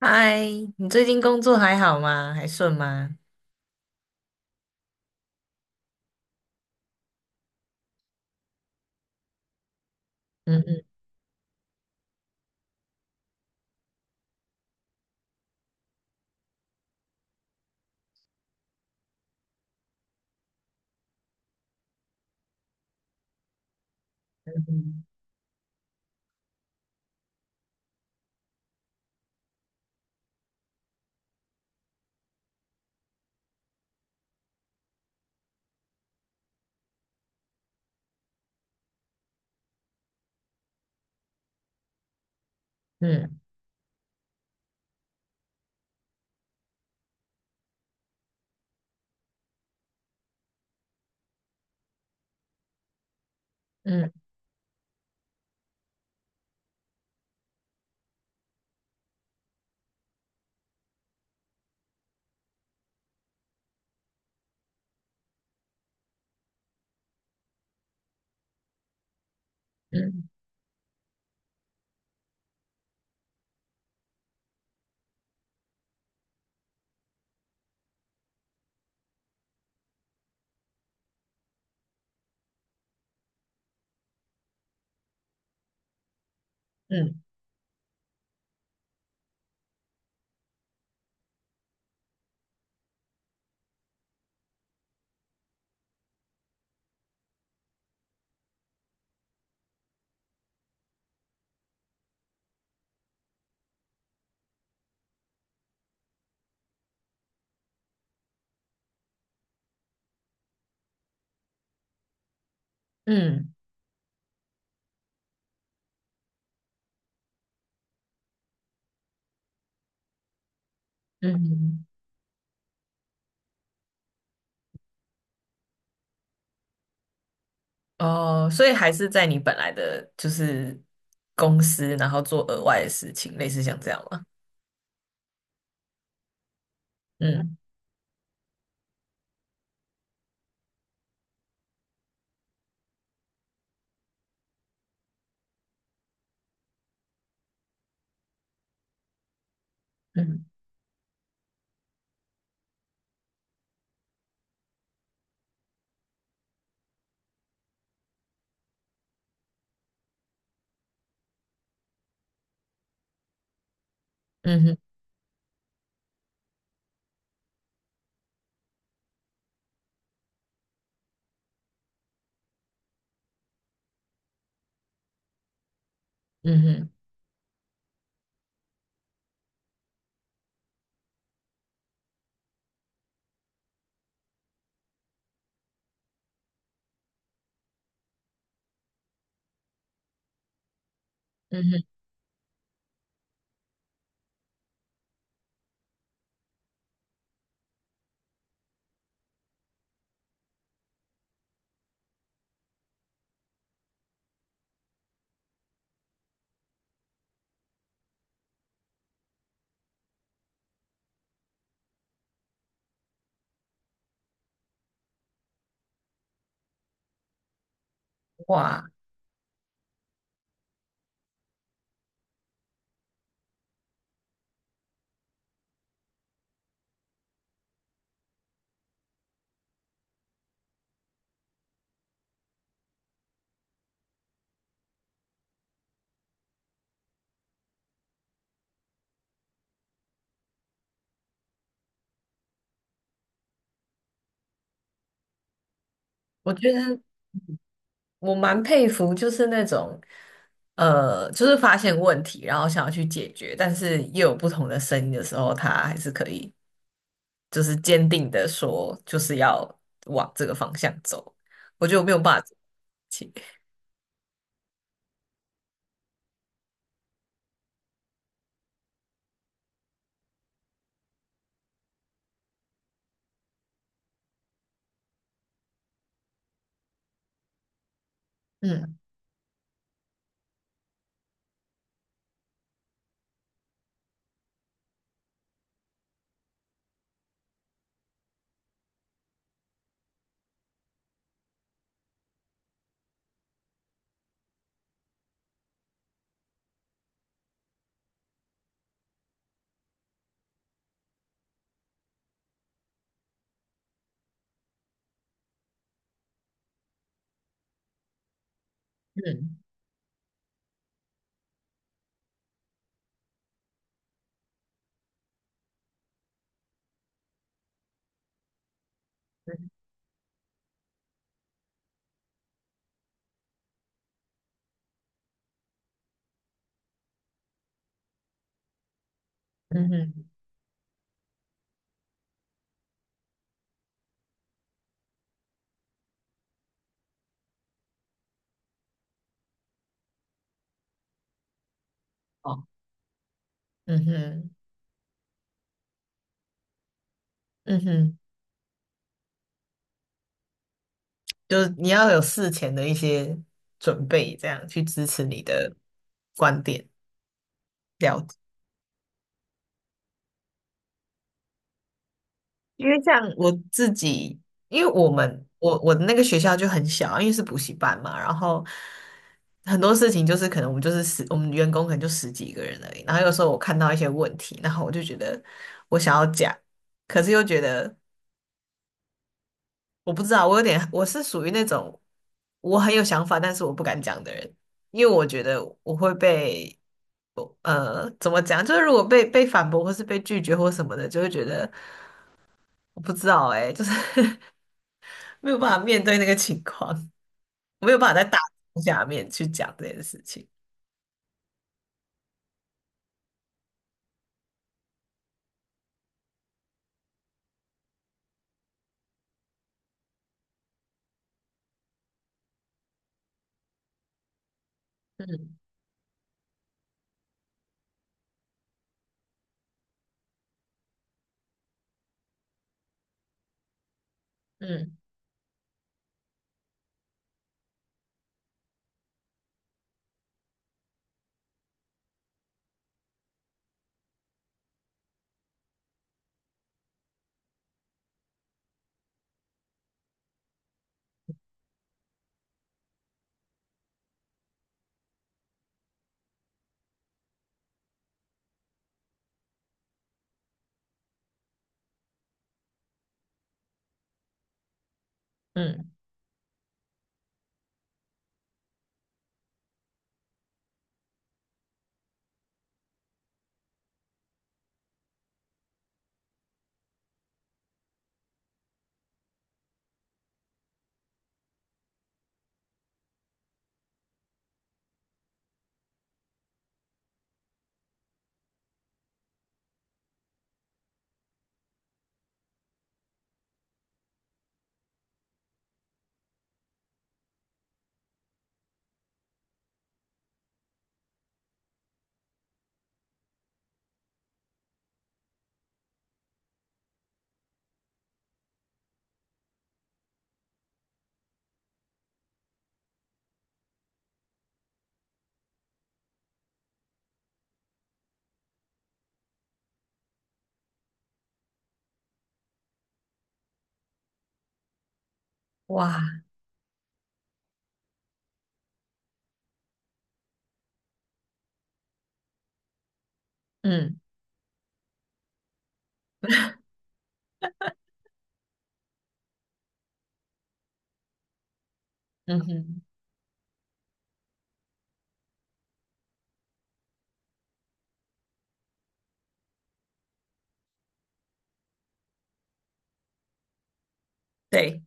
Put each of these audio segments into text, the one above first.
嗨，你最近工作还好吗？还顺吗？嗯嗯嗯嗯嗯嗯嗯嗯嗯。哦，所以还是在你本来的就是公司，然后做额外的事情，类似像这样吗？嗯嗯嗯哼嗯哼嗯哼，哇，我觉得我蛮佩服，就是那种就是发现问题，然后想要去解决，但是又有不同的声音的时候，他还是可以。就是坚定的说，就是要往这个方向走。我觉得我没有办法做起，嗯嗯嗯嗯哼，哦，嗯哼嗯哼，就是你要有事前的一些准备，这样去支持你的观点。了解。因为像我自己，因为我我的那个学校就很小，因为是补习班嘛，然后很多事情就是可能我们就是十，我们员工可能就十几个人而已。然后有时候我看到一些问题，然后我就觉得我想要讲，可是又觉得我不知道，我有点我是属于那种我很有想法，但是我不敢讲的人，因为我觉得我会被。呃，怎么讲？就是如果被反驳，或是被拒绝，或什么的，就会觉得我不知道哎、就是 没有办法面对那个情况，没有办法在大众下面去讲这件事情。嗯嗯嗯，哇，嗯嗯哼，嗯对，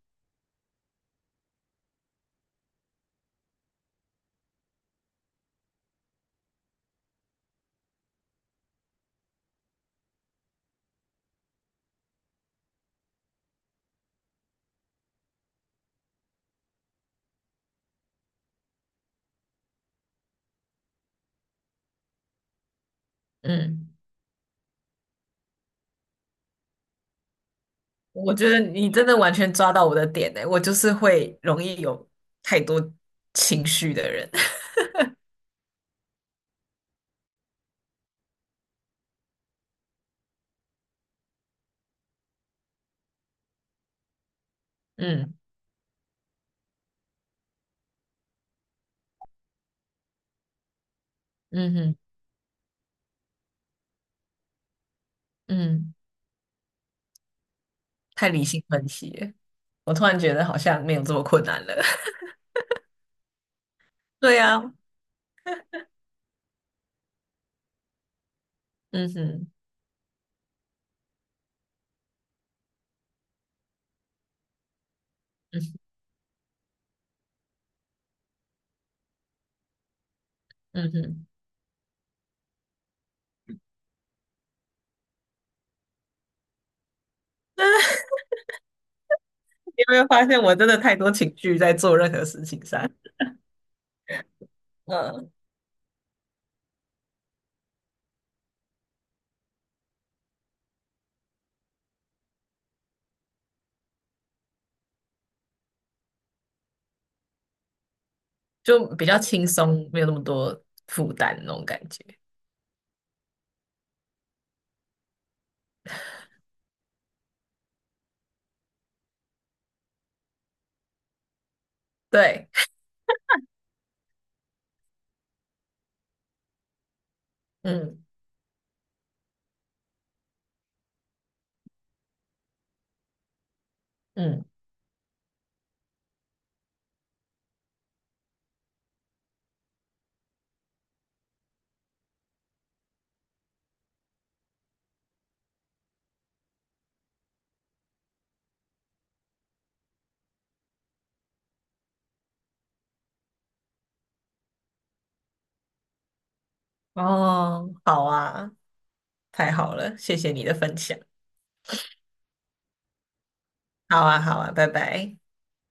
嗯，我觉得你真的完全抓到我的点呢，我就是会容易有太多情绪的人。嗯嗯哼嗯，太理性分析了，我突然觉得好像没有这么困难了。对呀、啊嗯哼嗯嗯哼，你有没有发现我真的太多情绪在做任何事情上？嗯。就比较轻松，没有那么多负担那种感觉。对，嗯嗯，哦，好啊，太好了，谢谢你的分享。好啊，好啊，拜拜。